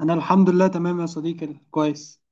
انا الحمد لله تمام يا صديقي، كويس.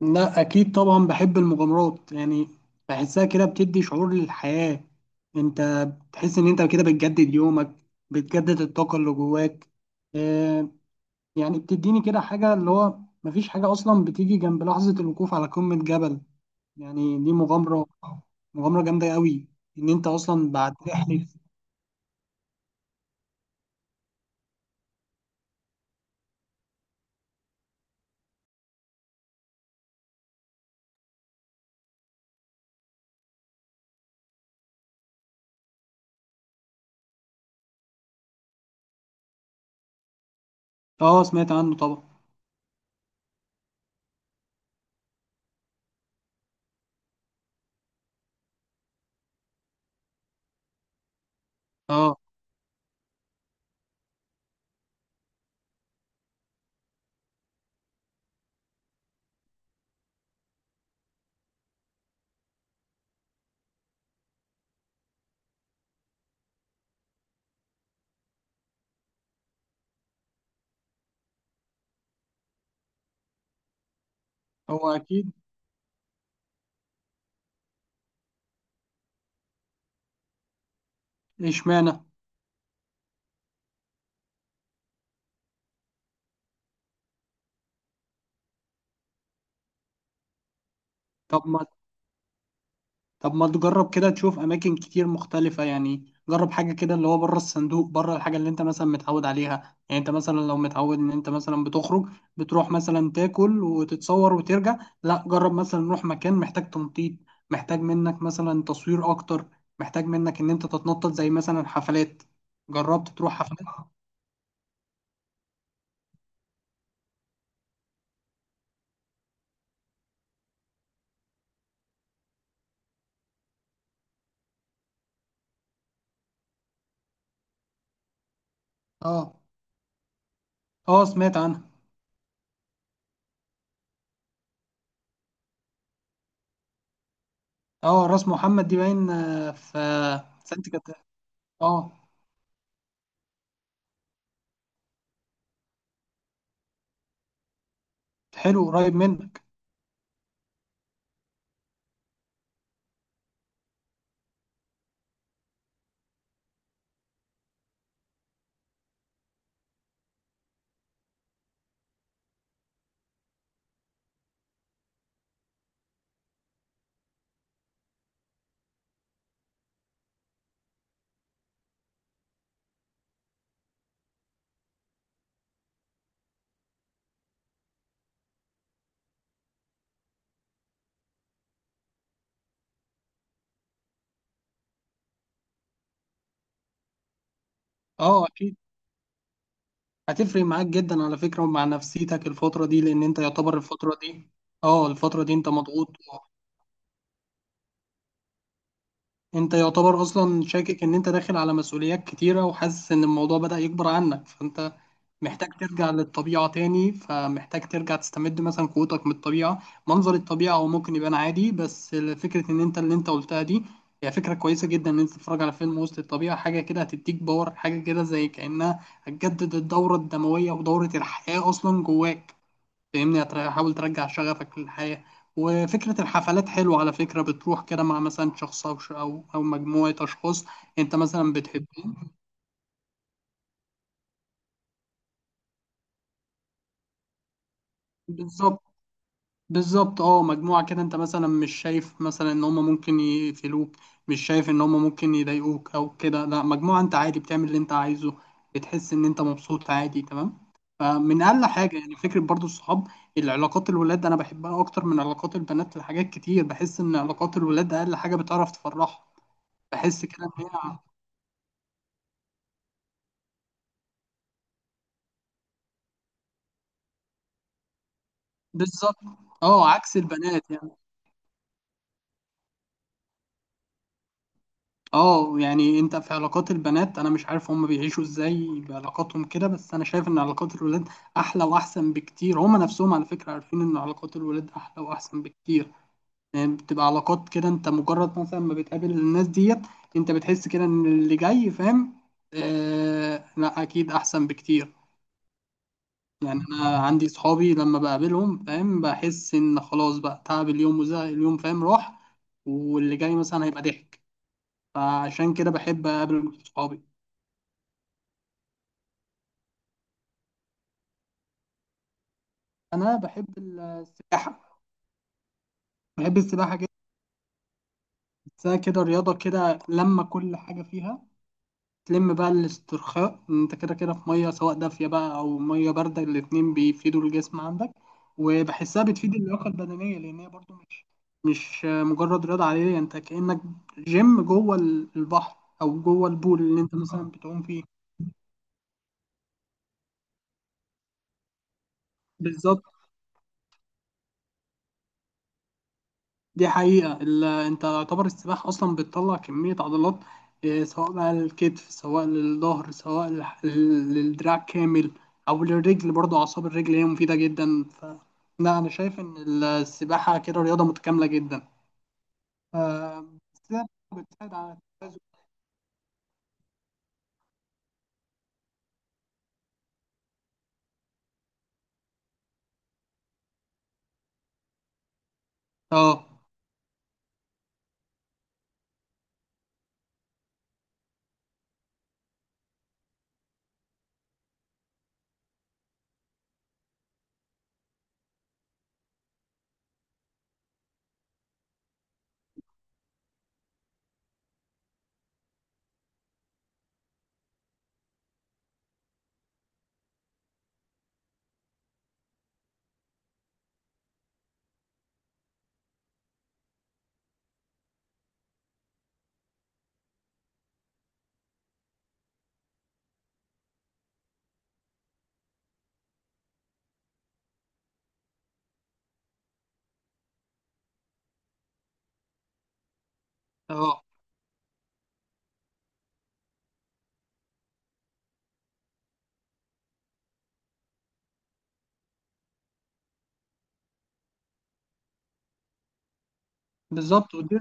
لا، اكيد طبعا بحب المغامرات. يعني بحسها كده بتدي شعور للحياة. انت بتحس ان انت كده بتجدد يومك، بتجدد الطاقة اللي جواك. آه، يعني بتديني كده حاجة اللي هو مفيش حاجة اصلا بتيجي جنب لحظة الوقوف على قمة جبل. يعني دي مغامرة، مغامرة جامدة قوي، ان انت اصلا بعد رحلة. اه، سمعت عنه طبعا. اه. هو اكيد. اشمعنى. طب ما طب ما تجرب كده تشوف اماكن كتير مختلفة. يعني جرب حاجة كده اللي هو بره الصندوق، بره الحاجة اللي انت مثلا متعود عليها. يعني انت مثلا لو متعود ان انت مثلا بتخرج، بتروح مثلا تاكل وتتصور وترجع. لا، جرب مثلا نروح مكان محتاج تنطيط، محتاج منك مثلا تصوير اكتر، محتاج منك ان انت تتنطط زي مثلا حفلات. جربت تروح حفلات؟ اه. اه، سمعت عنها. اه، راس محمد دي باين. في سانت كاترين. اه. حلو، قريب منك. اه، اكيد. هتفرق معاك جدا على فكرة، ومع نفسيتك الفترة دي. لأن أنت يعتبر الفترة دي، اه، الفترة دي أنت مضغوط. أنت يعتبر أصلا شاكك إن أنت داخل على مسؤوليات كتيرة وحاسس إن الموضوع بدأ يكبر عنك، فأنت محتاج ترجع للطبيعة تاني. فمحتاج ترجع تستمد مثلا قوتك من الطبيعة. منظر الطبيعة هو ممكن يبان عادي، بس فكرة إن أنت اللي أنت قلتها دي هي فكرة كويسة جدا. إن أنت تتفرج على فيلم وسط الطبيعة، حاجة كده هتديك باور، حاجة كده زي كأنها هتجدد الدورة الدموية ودورة الحياة أصلا جواك. فاهمني؟ حاول ترجع شغفك للحياة. وفكرة الحفلات حلوة على فكرة. بتروح كده مع مثلا شخص أو ش- أو أو مجموعة أشخاص. أنت مثلا بتحب. بالظبط. بالظبط، أه، مجموعة كده. أنت مثلا مش شايف مثلا إن هما ممكن يقفلوك، مش شايف إن هما ممكن يضايقوك أو كده. لا، مجموعة أنت عادي بتعمل اللي أنت عايزه، بتحس إن أنت مبسوط عادي تمام. فمن أقل حاجة يعني فكرة برضو الصحاب، العلاقات. الولاد أنا بحبها أكتر من علاقات البنات لحاجات كتير. بحس إن علاقات الولاد أقل حاجة بتعرف تفرحها. بحس كده ان هي، بالظبط. اه، عكس البنات يعني. اه، يعني انت في علاقات البنات انا مش عارف هم بيعيشوا ازاي بعلاقاتهم كده، بس انا شايف ان علاقات الولاد احلى واحسن بكتير. هم نفسهم على فكرة عارفين ان علاقات الولاد احلى واحسن بكتير. يعني بتبقى علاقات كده انت مجرد مثلا ما بتقابل الناس ديت، انت بتحس كده ان اللي جاي فاهم. آه، لا، اكيد احسن بكتير. يعني انا عندي صحابي لما بقابلهم فاهم، بحس ان خلاص بقى تعب اليوم وزهق اليوم فاهم راح، واللي جاي مثلا هيبقى ضحك. فعشان كده بحب اقابل صحابي. انا بحب السباحه، بحب السباحه جدا. بحسها كده رياضه كده لما كل حاجه فيها تلم بقى الاسترخاء. إن انت كده كده في ميه، سواء دافيه بقى او ميه بارده، الاتنين بيفيدوا الجسم عندك. وبحسها بتفيد اللياقه البدنيه، لان هي برضو مش مجرد رياضه عاديه. يعني انت كانك جيم جوه البحر، او جوه البول اللي انت مثلا بتعوم فيه. بالظبط. دي حقيقة. انت يعتبر السباحة اصلا بتطلع كمية عضلات، سواء بقى للكتف، سواء للظهر، سواء للدراع كامل، او للرجل. برضو اعصاب الرجل هي مفيدة جدا ف، لا، انا شايف ان السباحة كده رياضة متكاملة جدا. ف، بتساعد، بتساعد على التوازن. اه. اه، بالظبط. ودي،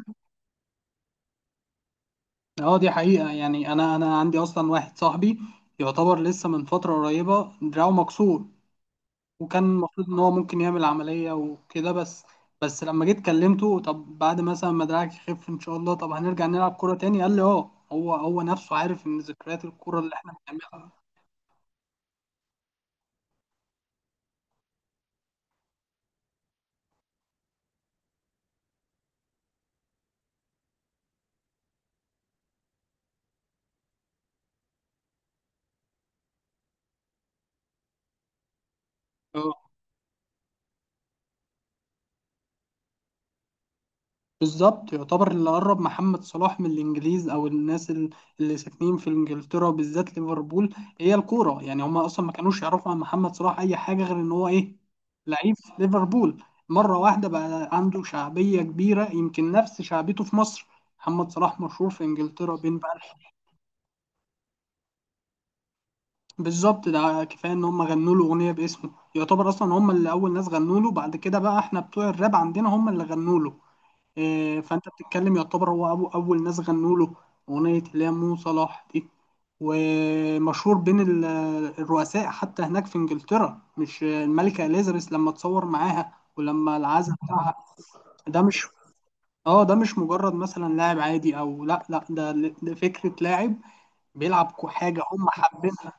اه، دي حقيقة. يعني انا عندي اصلا واحد صاحبي يعتبر لسه من فترة قريبة دراعه مكسور. وكان المفروض ان هو ممكن يعمل عملية وكده، بس لما جيت كلمته، طب بعد مثلا ما دراعك يخف ان شاء الله طب هنرجع نلعب كورة تاني، قال لي اه. هو نفسه عارف ان ذكريات الكورة اللي احنا بنعملها، بالظبط. يعتبر اللي قرب محمد صلاح من الانجليز او الناس اللي ساكنين في انجلترا، بالذات ليفربول، هي الكوره. يعني هم اصلا ما كانوش يعرفوا عن محمد صلاح اي حاجه غير ان هو ايه، لعيب في ليفربول. مره واحده بقى عنده شعبيه كبيره، يمكن نفس شعبيته في مصر. محمد صلاح مشهور في انجلترا بين بقى. بالظبط، ده كفايه ان هم غنوا له اغنيه باسمه. يعتبر اصلا هم اللي اول ناس غنوا له، بعد كده بقى احنا بتوع الراب عندنا هم اللي غنوا له. فانت بتتكلم يعتبر هو أبو اول ناس غنوا له اغنيه اللي هي مو صلاح دي. ومشهور بين الرؤساء حتى هناك في انجلترا. مش الملكه اليزابيث لما تصور معاها، ولما العزاء بتاعها. ده مش، اه، ده مش مجرد مثلا لاعب عادي او، لا لا، ده، ده فكره لاعب بيلعب حاجه هم حابينها.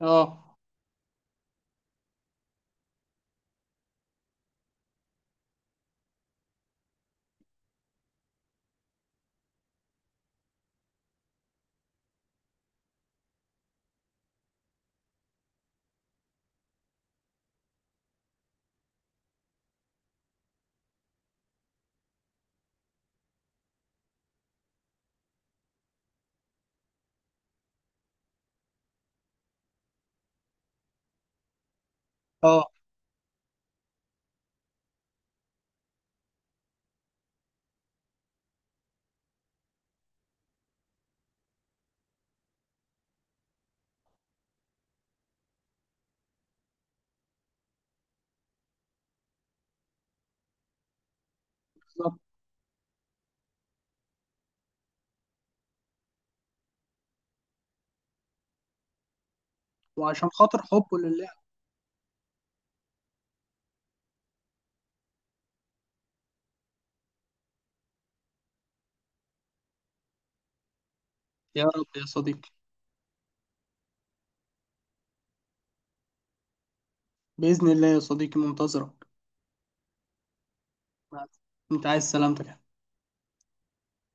اه. اه، بالظبط. وعشان خاطر حبه للعب. يا رب يا صديقي. باذن الله يا صديقي، منتظرك. انت عايز سلامتك.